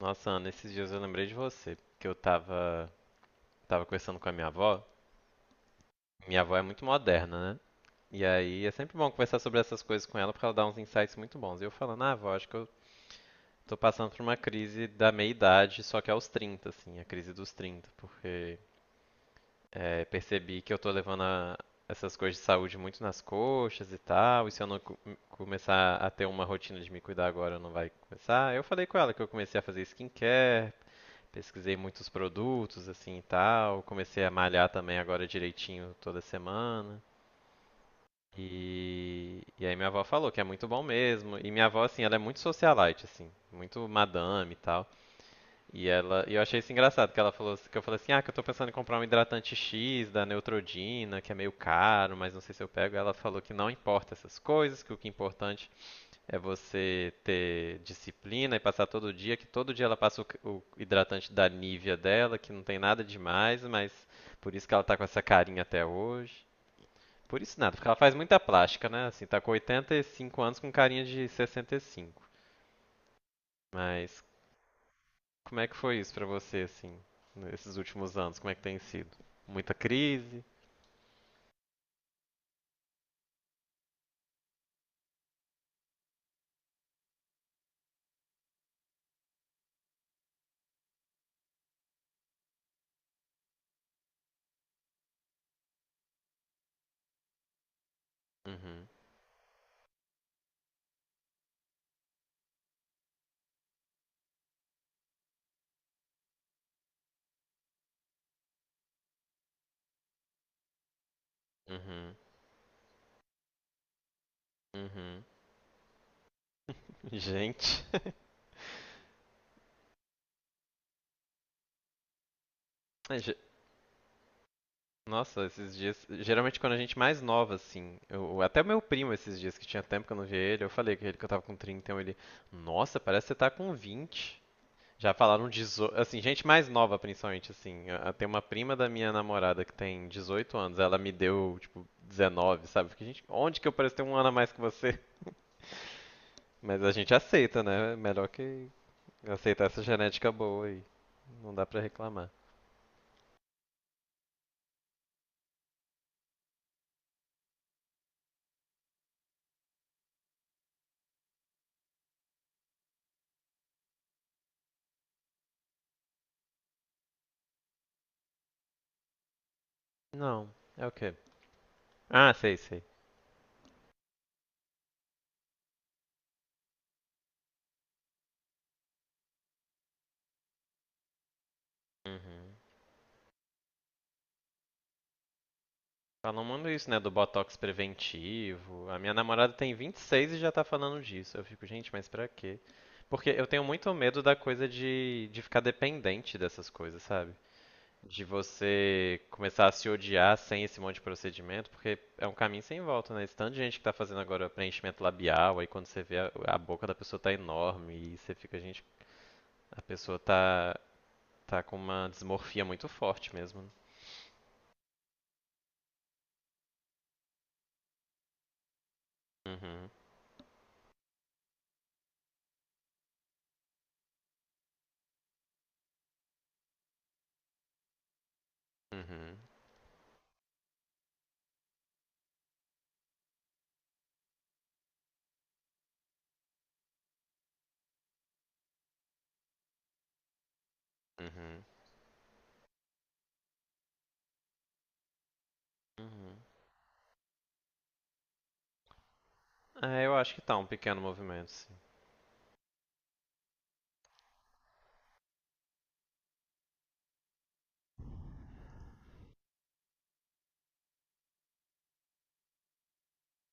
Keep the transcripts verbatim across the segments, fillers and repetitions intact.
Nossa, Ana, esses dias eu lembrei de você, porque eu tava, tava conversando com a minha avó. Minha avó é muito moderna, né? E aí é sempre bom conversar sobre essas coisas com ela, porque ela dá uns insights muito bons. E eu falando, ah, avó, acho que eu tô passando por uma crise da meia-idade, só que é aos trinta, assim, a crise dos trinta, porque é, percebi que eu tô levando a- essas coisas de saúde muito nas coxas e tal, e se eu não co- começar a ter uma rotina de me cuidar agora, não vai começar. Eu falei com ela que eu comecei a fazer skincare, pesquisei muitos produtos, assim e tal. Comecei a malhar também agora direitinho toda semana. E, e aí minha avó falou que é muito bom mesmo. E minha avó, assim, ela é muito socialite, assim, muito madame e tal. E ela, e eu achei isso engraçado, que ela falou, que eu falei assim, ah, que eu tô pensando em comprar um hidratante X da Neutrodina, que é meio caro, mas não sei se eu pego. Ela falou que não importa essas coisas, que o que é importante é você ter disciplina e passar todo dia, que todo dia ela passa o, c- o hidratante da Nivea dela, que não tem nada demais, mas por isso que ela tá com essa carinha até hoje. Por isso nada, porque ela faz muita plástica, né? Assim, tá com oitenta e cinco anos com carinha de sessenta e cinco. Mas como é que foi isso pra você, assim, nesses últimos anos? Como é que tem sido? Muita crise? Uhum, uhum, uhum. Gente. Nossa, esses dias, geralmente quando a gente mais nova, assim, eu, até o meu primo esses dias, que tinha tempo que eu não via ele, eu falei que ele que eu tava com trinta, então ele, nossa, parece que você tá com vinte. Já falaram dezoito, assim, gente mais nova principalmente, assim, a- tem uma prima da minha namorada que tem dezoito anos, ela me deu, tipo, dezenove, sabe? Porque, gente, onde que eu pareço ter um ano a mais que você? Mas a gente aceita, né? É melhor que aceitar essa genética boa aí, não dá pra reclamar. Não, é o quê? Ah, sei, sei. Uhum. Falam muito isso, né, do botox preventivo. A minha namorada tem vinte e seis e seis e já tá falando disso. Eu fico, gente, mas pra quê? Porque eu tenho muito medo da coisa de, de ficar dependente dessas coisas, sabe? De você começar a se odiar sem esse monte de procedimento, porque é um caminho sem volta, né? Esse tanto de gente que tá fazendo agora preenchimento labial, aí quando você vê a, a boca da pessoa tá enorme e você fica, gente, a pessoa tá, tá com uma desmorfia muito forte mesmo, né? Uhum, uhum, uhum, uhum. É, eu acho que tá um pequeno movimento, sim.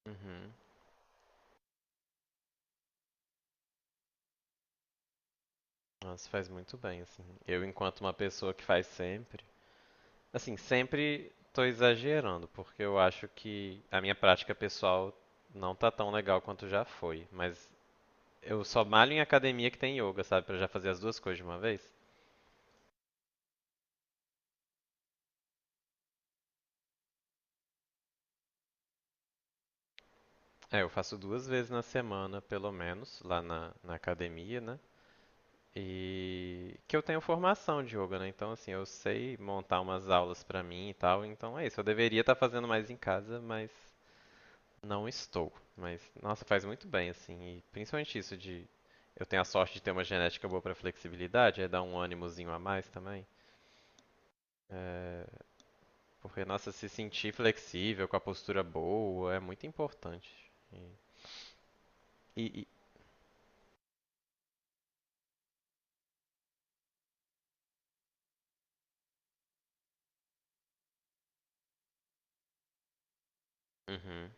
Uhum. Nossa, faz muito bem, assim. Eu, enquanto uma pessoa que faz sempre. Assim, sempre tô exagerando, porque eu acho que a minha prática pessoal não tá tão legal quanto já foi. Mas eu só malho em academia que tem yoga, sabe? Pra já fazer as duas coisas de uma vez. É, eu faço duas vezes na semana, pelo menos, lá na, na academia, né? E que eu tenho formação de yoga, né? Então, assim, eu sei montar umas aulas pra mim e tal. Então é isso. Eu deveria estar fazendo mais em casa, mas não estou. Mas, nossa, faz muito bem, assim. E principalmente isso de. Eu tenho a sorte de ter uma genética boa pra flexibilidade, é dar um ânimozinho a mais também. É, porque, nossa, se sentir flexível, com a postura boa, é muito importante. E, e, e- Uhum.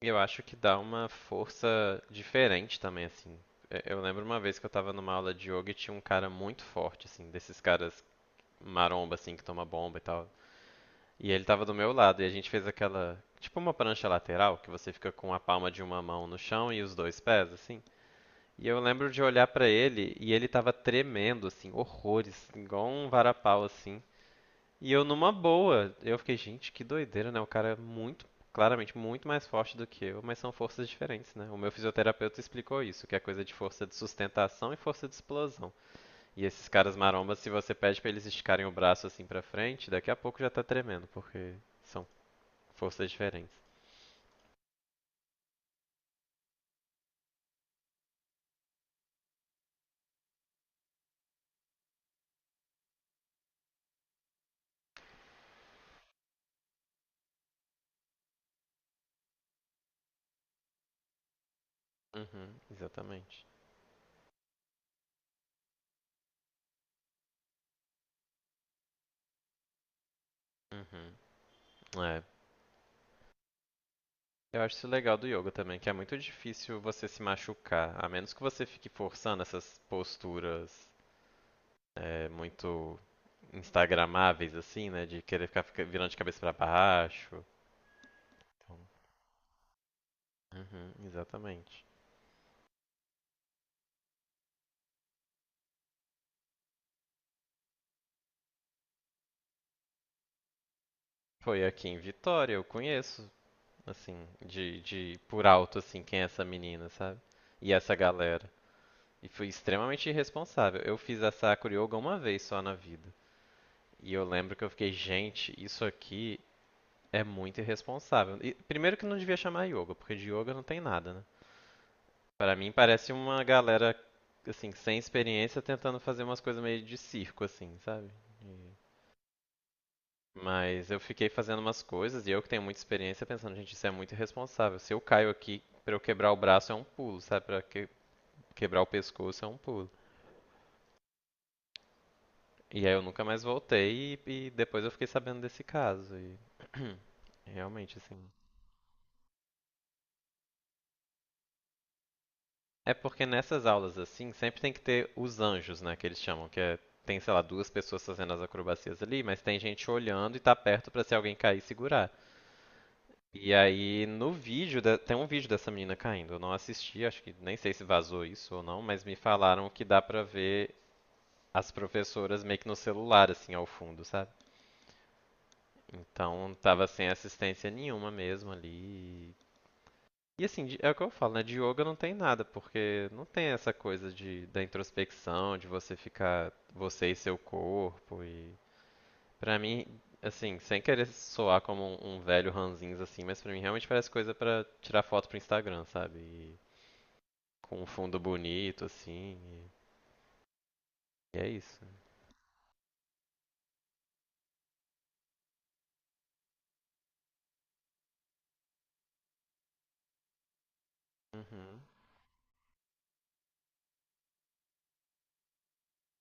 Eu acho que dá uma força diferente também, assim. É, eu lembro uma vez que eu tava numa aula de yoga e tinha um cara muito forte, assim, desses caras maromba, assim, que toma bomba e tal. E ele tava do meu lado e a gente fez aquela, tipo uma prancha lateral, que você fica com a palma de uma mão no chão e os dois pés, assim. E eu lembro de olhar pra ele e ele tava tremendo, assim, horrores, igual um varapau, assim. E eu numa boa, eu fiquei, gente, que doideira, né? O cara é muito, claramente muito mais forte do que eu, mas são forças diferentes, né? O meu fisioterapeuta explicou isso, que é coisa de força de sustentação e força de explosão. E esses caras marombas, se você pede pra eles esticarem o braço assim pra frente, daqui a pouco já tá tremendo, porque são forças diferentes. Uhum, exatamente. Uhum. É. Eu acho isso legal do yoga também, que é muito difícil você se machucar, a menos que você fique forçando essas posturas é, muito instagramáveis, assim, né? De querer ficar fica- virando de cabeça pra baixo. Então, uhum, exatamente. Foi aqui em Vitória, eu conheço, assim, de, de por alto, assim, quem é essa menina, sabe? E essa galera. E fui extremamente irresponsável. Eu fiz a Sakura Yoga uma vez só na vida. E eu lembro que eu fiquei, gente, isso aqui é muito irresponsável. E, primeiro que não devia chamar yoga, porque de yoga não tem nada, né? Pra mim parece uma galera, assim, sem experiência tentando fazer umas coisas meio de circo, assim, sabe? E- Mas eu fiquei fazendo umas coisas e eu que tenho muita experiência pensando, gente, isso é muito irresponsável. Se eu caio aqui, pra eu quebrar o braço é um pulo, sabe? Pra que- quebrar o pescoço é um pulo. E aí eu nunca mais voltei e, e depois eu fiquei sabendo desse caso. E... É porque nessas aulas assim, sempre tem que ter os anjos, né, que eles chamam, que é tem, sei lá, duas pessoas fazendo as acrobacias ali, mas tem gente olhando e tá perto pra se alguém cair e segurar. E aí, no vídeo, da- tem um vídeo dessa menina caindo. Eu não assisti, acho que nem sei se vazou isso ou não, mas me falaram que dá pra ver as professoras meio que no celular, assim, ao fundo, sabe? Então, tava sem assistência nenhuma mesmo ali. E assim, de- é o que eu falo, né? De yoga não tem nada, porque não tem essa coisa de, da introspecção, de você ficar você e seu corpo e pra mim, assim, sem querer soar como um, um velho ranzinza assim, mas pra mim realmente parece coisa pra tirar foto pro Instagram, sabe? E, com um fundo bonito assim. E, e é isso. Uhum,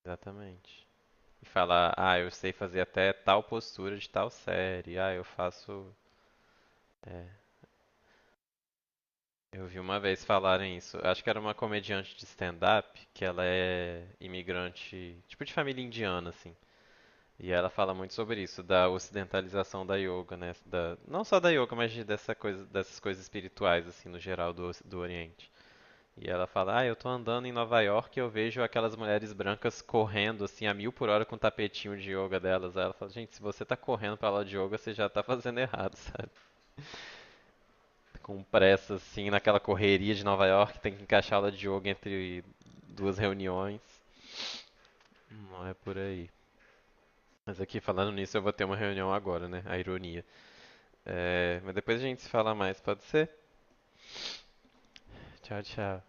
exatamente. E falar, ah, eu sei fazer até tal postura de tal série. Ah, eu faço. É, eu vi uma vez falarem isso. Acho que era uma comediante de stand-up, que ela é imigrante, tipo de família indiana, assim. E ela fala muito sobre isso, da ocidentalização da yoga, né? Da, não só da yoga, mas de- dessa coisa, dessas coisas espirituais, assim, no geral do, oci- do Oriente. E ela fala, ah, eu tô andando em Nova York e eu vejo aquelas mulheres brancas correndo, assim, a mil por hora com o tapetinho de yoga delas. Aí ela fala, gente, se você tá correndo pra aula de yoga, você já tá fazendo errado. Sabe? Com pressa, assim, naquela correria de Nova York, tem que encaixar aula de yoga entre duas reuniões. Não é por aí. Mas aqui, falando nisso, eu vou ter uma reunião agora, né? A ironia. É, mas depois a gente se fala mais, pode ser? Tchau, tchau.